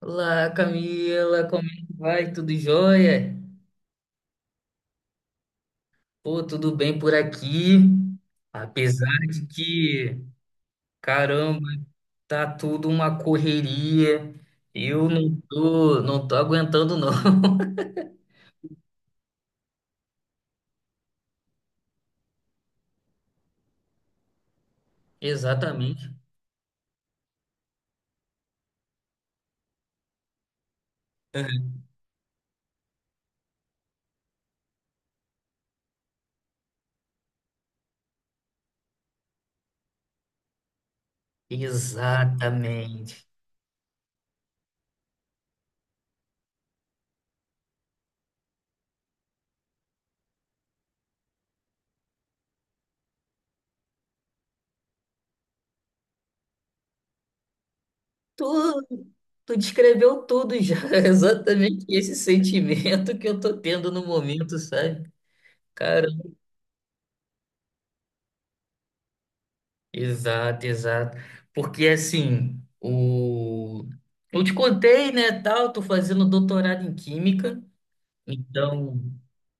Olá, Camila, como é que vai? Tudo jóia? Pô, tudo bem por aqui. Apesar de que, caramba, tá tudo uma correria. Eu não tô aguentando, não. Exatamente. Uhum. Exatamente. Tu, tu descreveu tudo já. Exatamente esse sentimento que eu tô tendo no momento, sabe? Cara. Exato, exato. Porque assim, o... Eu te contei, né, tal, tô fazendo doutorado em química, então,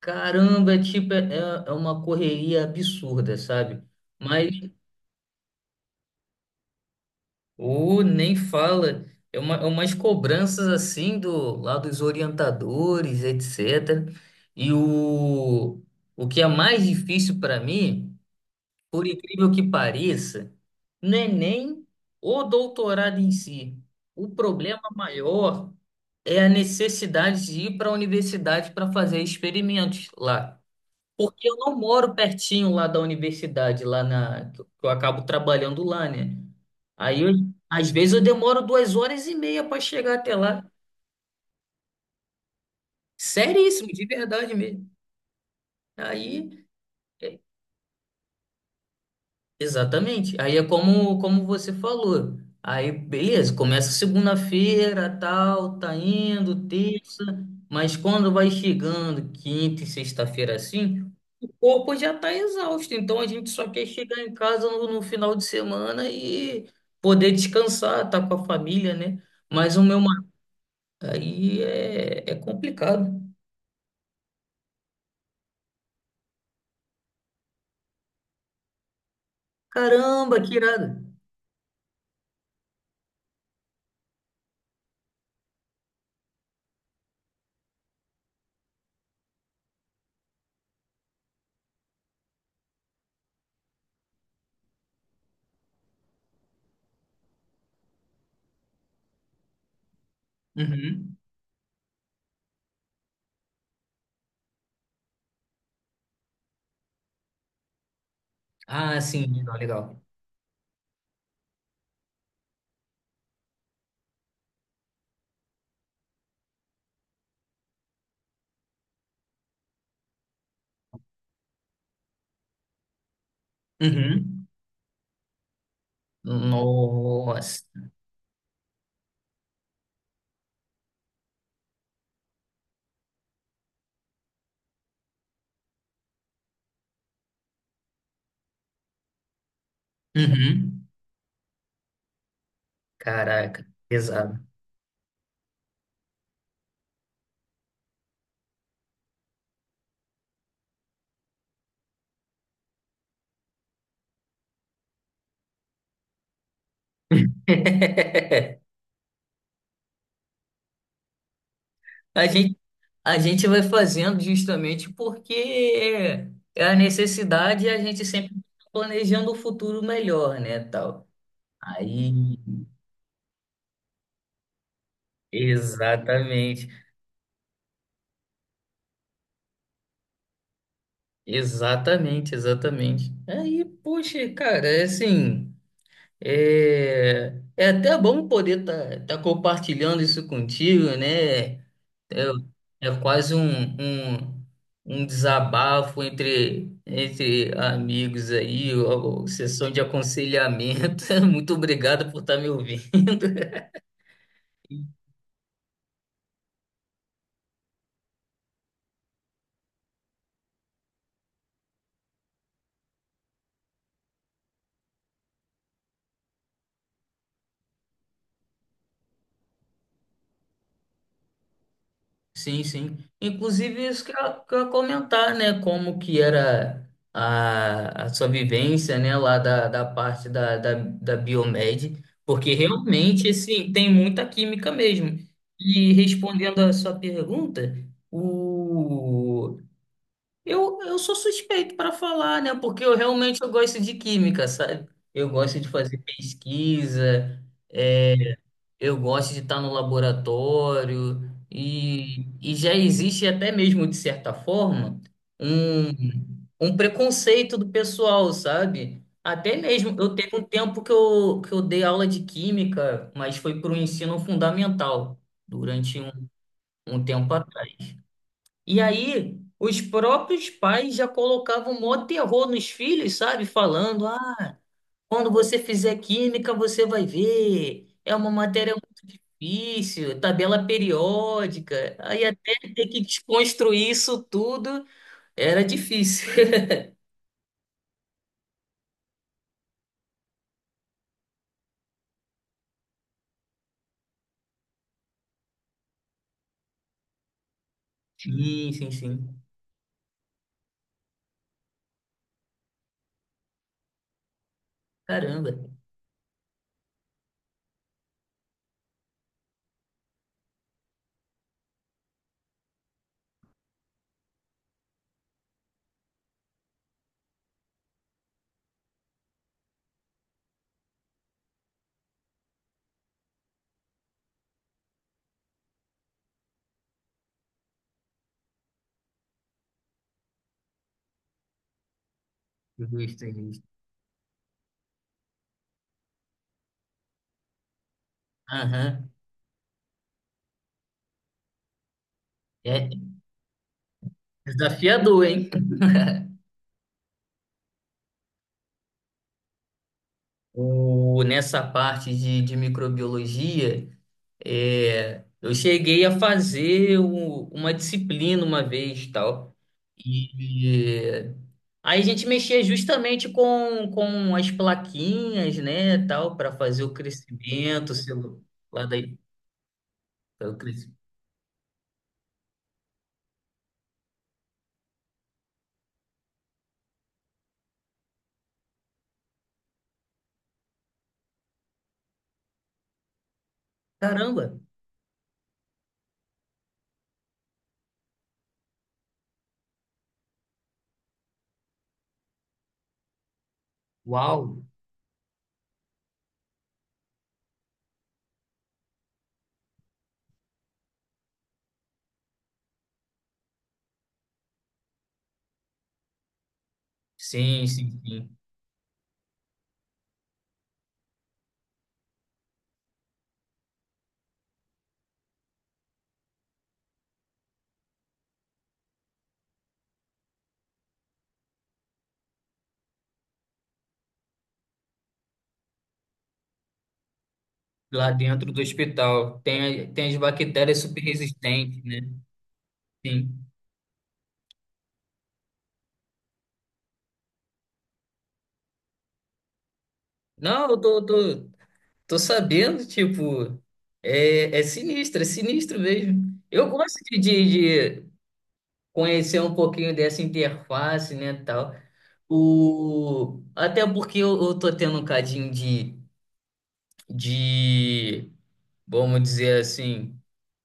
caramba, é tipo, é uma correria absurda, sabe? Mas o nem fala, é umas cobranças assim do lá dos orientadores, etc. E o, o que é mais difícil para mim. Por incrível que pareça, não é nem o doutorado em si. O problema maior é a necessidade de ir para a universidade para fazer experimentos lá. Porque eu não moro pertinho lá da universidade, lá na, que eu acabo trabalhando lá, né? Aí, às vezes, eu demoro duas horas e meia para chegar até lá. Seríssimo, de verdade mesmo. Aí. É, Exatamente. Aí é como, como você falou. Aí, beleza, começa segunda-feira, tal, tá indo, terça, mas quando vai chegando quinta e sexta-feira assim, o corpo já tá exausto. Então a gente só quer chegar em casa no final de semana e poder descansar, estar tá com a família, né? Mas o meu marido aí é complicado. Caramba, que irado. Uhum. Ah, sim, legal, legal. Uhum. Nossa. Uhum. Caraca, pesado. A gente, a gente vai fazendo justamente porque é a necessidade e a gente sempre tá planejando o futuro melhor, né, tal. Aí, exatamente, exatamente, exatamente. Aí, poxa, cara, é assim. É, é até bom poder estar compartilhando isso contigo, né? É, é quase um, um desabafo entre, entre amigos aí, ou sessão de aconselhamento. Muito obrigado por estar me ouvindo. Sim, sim. Inclusive, isso que eu ia comentar, né? Como que era a sua vivência, né? Lá da, da parte da, da, da Biomed, porque realmente, assim, tem muita química mesmo. E respondendo a sua pergunta, o... eu sou suspeito para falar, né? Porque eu realmente eu gosto de química, sabe? Eu gosto de fazer pesquisa, é, eu gosto de estar no laboratório e já existe até mesmo, de certa forma, um, um preconceito do pessoal, sabe? Até mesmo, eu teve um tempo que eu dei aula de química, mas foi para o ensino fundamental, durante um tempo atrás. E aí, os próprios pais já colocavam mó terror nos filhos, sabe? Falando, ah, quando você fizer química, você vai ver. É uma matéria isso, tabela periódica. Aí até ter que desconstruir isso tudo era difícil. Sim, sim, sim. Caramba. Justo, justo. Aham. É desafiador, hein? O, nessa parte de microbiologia, é, eu cheguei a fazer uma disciplina uma vez, tal. E aí a gente mexia justamente com as plaquinhas, né, tal, para fazer o crescimento, lá lá daí, o crescimento. Caramba! Uau! Sim, sim, sim. Lá dentro do hospital tem, tem as bactérias super resistentes, né? Sim. Não, eu tô sabendo, tipo, é, é sinistro mesmo. Eu gosto de, de conhecer um pouquinho dessa interface, né, tal. O... Até porque eu tô tendo um cadinho de, vamos dizer assim,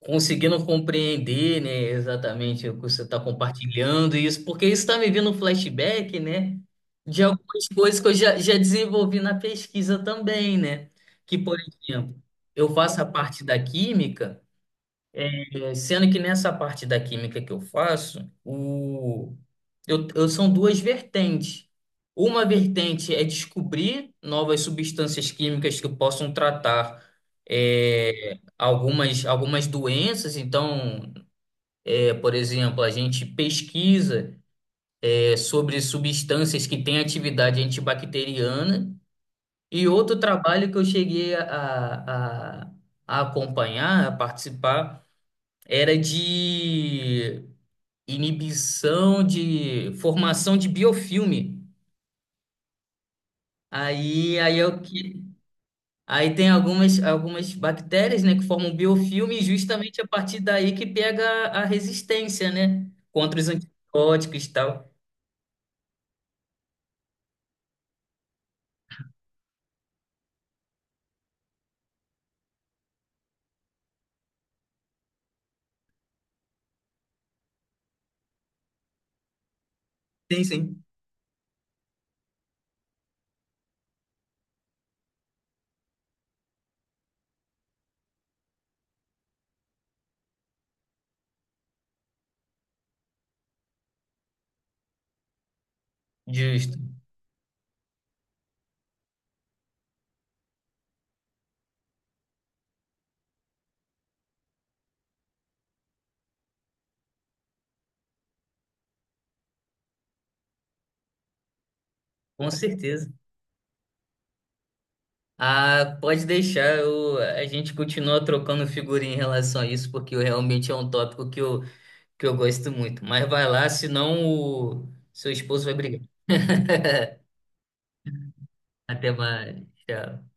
conseguindo compreender, né, exatamente o que você está compartilhando e isso, porque isso está me vindo um flashback, né, de algumas coisas já desenvolvi na pesquisa também, né? Que, por exemplo, eu faço a parte da química. É, sendo que nessa parte da química que eu faço, o... são duas vertentes. Uma vertente é descobrir novas substâncias químicas que possam tratar algumas, algumas doenças. Então, é, por exemplo, a gente pesquisa é, sobre substâncias que têm atividade antibacteriana. E outro trabalho que eu cheguei a acompanhar, a participar, era de inibição de formação de biofilme. Aí é o que aí tem algumas bactérias, né, que formam biofilme e justamente a partir daí que pega a resistência, né, contra os antibióticos e tal. Sim, sim. Justo, com certeza. Ah, pode deixar, eu, a gente continua trocando figurinha em relação a isso, porque realmente é um tópico que eu gosto muito. Mas vai lá, senão o seu esposo vai brigar. Até mais. Tchau.